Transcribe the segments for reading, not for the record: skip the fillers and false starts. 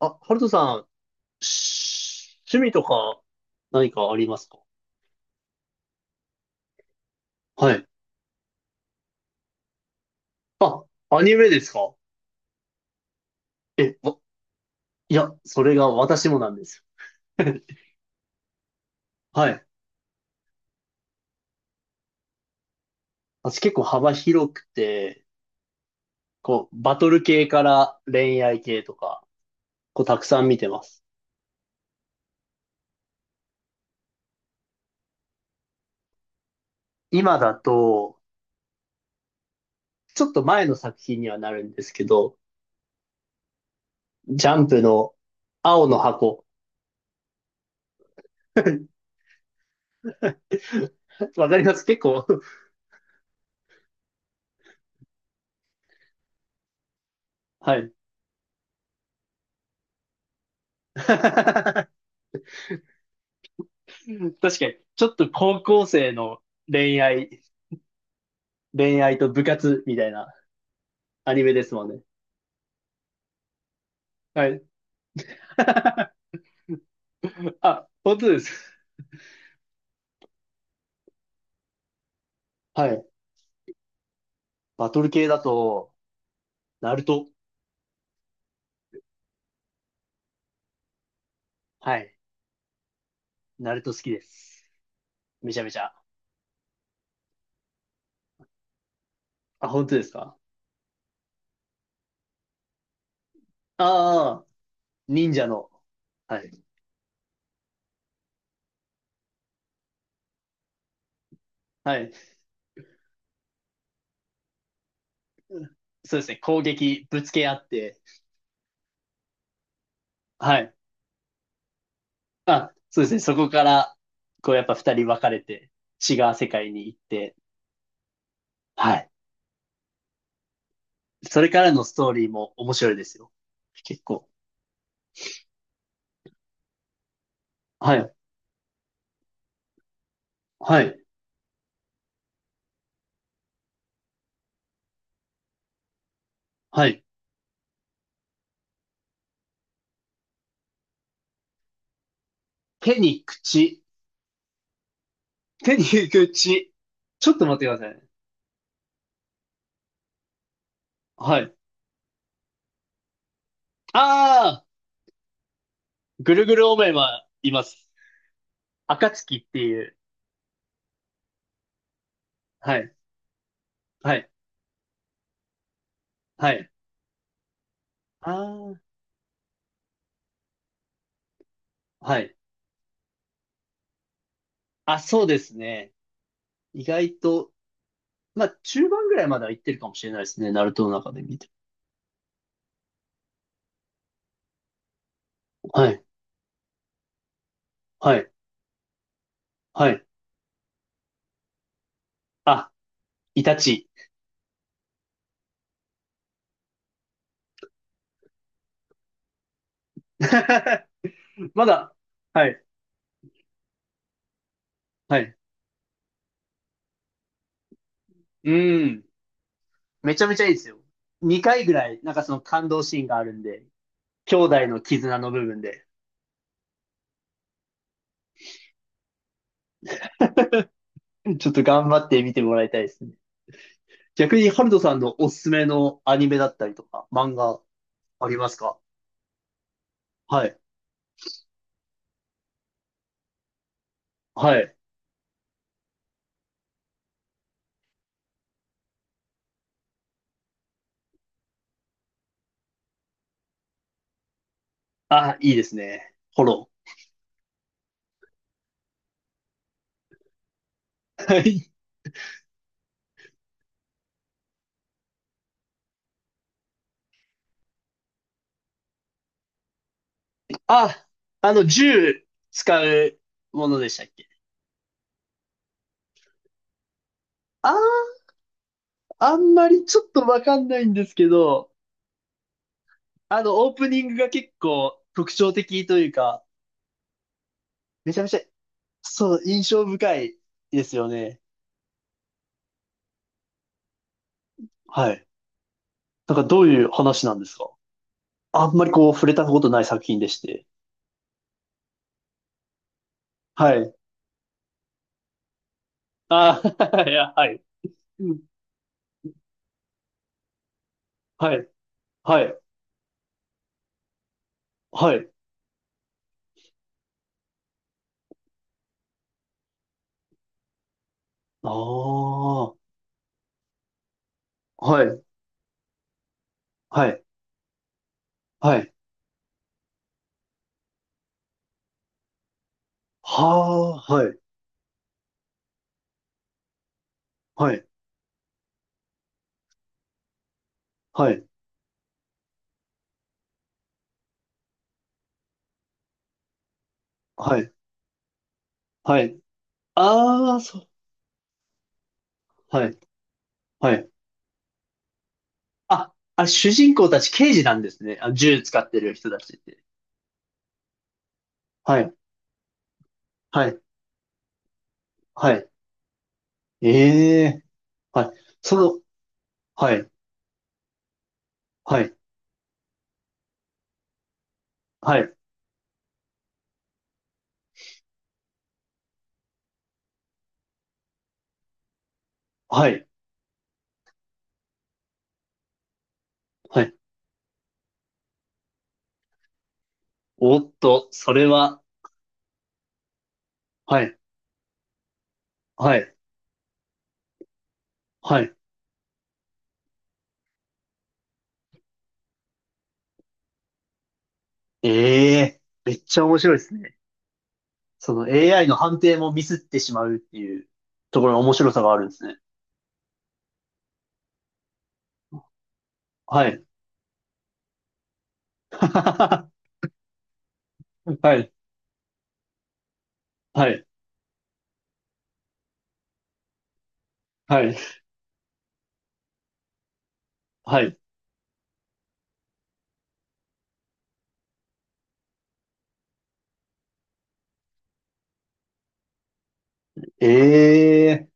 あ、ハルトさん、し趣味とか何かありますか？はい。あ、アニメですか？え、わ、いや、それが私もなんですよ。はい。私結構幅広くて、こう、バトル系から恋愛系とか、こう、たくさん見てます。今だと、ちょっと前の作品にはなるんですけど、ジャンプの青の箱。わかります結構。はい。確かに、ちょっと高校生の恋愛、恋愛と部活みたいなアニメですもんね。はい。あ、本当です。はい。バトル系だと、ナルト。はい。ナルト好きです。めちゃめちゃ。あ、本当ですか？ああ、忍者の。はい。はい。そうですね。攻撃、ぶつけ合って。はい。あ、そうですね。そこから、こうやっぱ二人分かれて、違う世界に行って。はい。それからのストーリーも面白いですよ。結構。はい。はい。はい。手に口。手に口。ちょっと待ってくださいね。はい。ああ、ぐるぐるおめはいます。暁っていう。はい。はい。はい。ああ、はい。あ、そうですね。意外と、まあ、中盤ぐらいまでは行ってるかもしれないですね。ナルトの中で見ても。はい。はい。はい。あ、イタチ。まだ。はい。はい。うん。めちゃめちゃいいですよ。2回ぐらい、なんかその感動シーンがあるんで、兄弟の絆の部分で、ちょっと頑張って見てもらいたいですね。逆に、ハルトさんのおすすめのアニメだったりとか、漫画ありますか？はい。はい。あ、いいですね。フォロー。はい。あ、あの、銃使うものでしたっけ？あー、あんまりちょっとわかんないんですけど、あの、オープニングが結構特徴的というか、めちゃめちゃ、そう、印象深いですよね。はい。なんかどういう話なんですか？あんまりこう触れたことない作品でして。はい。ああ、いや、はい。うん。はい。はい。はい。ああ。はい。はい。はい。はあ。はい。はい。はい。はい。はい。ああ、そう。はい。はい。あ、あ、主人公たち刑事なんですね。あ、銃使ってる人たちって。はい。はい。はい。ええ。はい。その、はい。はい。はい。はい。はい。おっと、それは、はい、はい、はい。ええ、めっちゃ面白いですね。その AI の判定もミスってしまうっていうところの面白さがあるんですね。はい。はい、はい、はい、はい。ええ、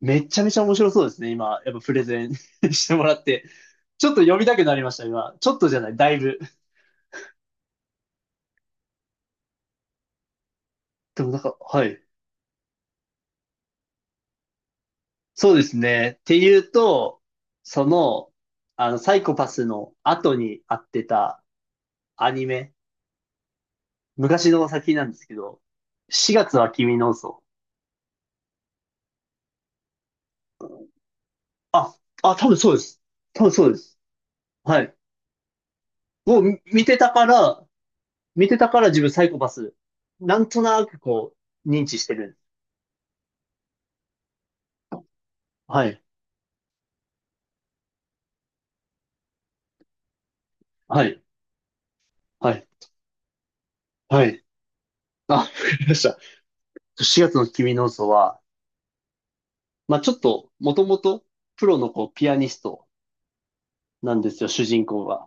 めっちゃめちゃ面白そうですね。今、やっぱプレゼン してもらって。ちょっと読みたくなりました、今。ちょっとじゃない、だいぶ。でもなんか、はい。そうですね。っていうと、その、あの、サイコパスの後にあってたアニメ、昔の先なんですけど、4月は君の嘘。あ、あ、多分そうです。多分そうです。はい。をみ見てたから、見てたから自分サイコパス、なんとなくこう、認知してる。はい。はい。はい。はい。あ、わかりました。4月の君の嘘は、まあちょっと、もともと、プロのこう、ピアニストなんですよ、主人公が。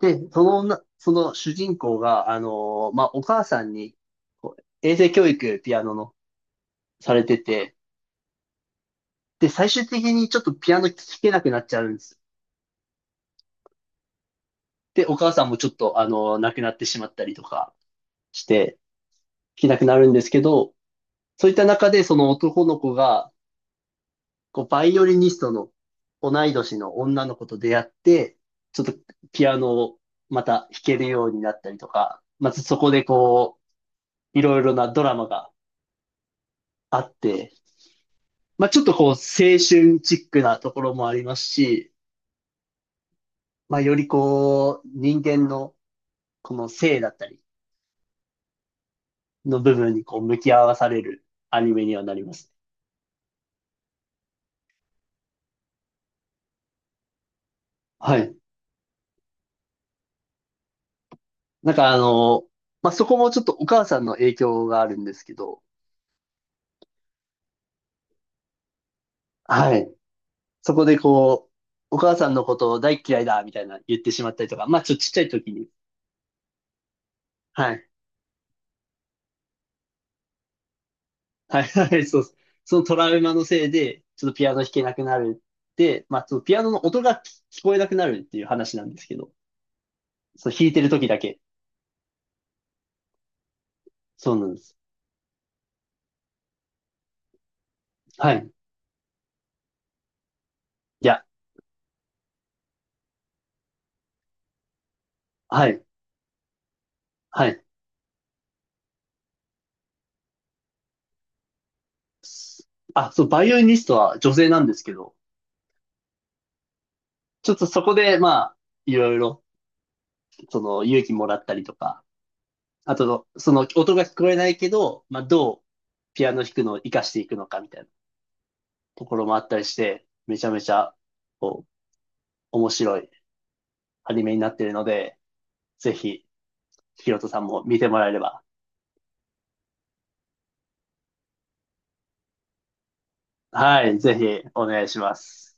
で、その女、その主人公が、まあお母さんに、こう衛生教育、ピアノの、されてて、で、最終的にちょっとピアノ聴けなくなっちゃうんです。で、お母さんもちょっと、あの、亡くなってしまったりとかして、弾けなくなるんですけど、そういった中でその男の子が、こう、バイオリニストの同い年の女の子と出会って、ちょっとピアノをまた弾けるようになったりとか、まずそこでこう、いろいろなドラマがあって、まあちょっとこう、青春チックなところもありますし、まあよりこう、人間のこの性だったり、の部分にこう向き合わされるアニメにはなります。はい。なんかあの、まあ、そこもちょっとお母さんの影響があるんですけど、はい。そこでこう、お母さんのことを大っ嫌いだみたいな言ってしまったりとか、まあちょっとちっちゃい時に、はい。はい、はい、そうです。そのトラウマのせいで、ちょっとピアノ弾けなくなるって、まあそのピアノの音が聞聞こえなくなるっていう話なんですけど、そう弾いてる時だけ。そうなんです。はい。いや、はい、はい。あ、そう、バイオリニストは女性なんですけど、ちょっとそこで、まあ、いろいろ、その、勇気もらったりとか、あと、その、音が聞こえないけど、まあ、どう、ピアノ弾くのを活かしていくのかみたいなところもあったりして、めちゃめちゃ、こう、面白いアニメになっているので、ぜひ、ひろとさんも見てもらえれば、はい、ぜひ、お願いします。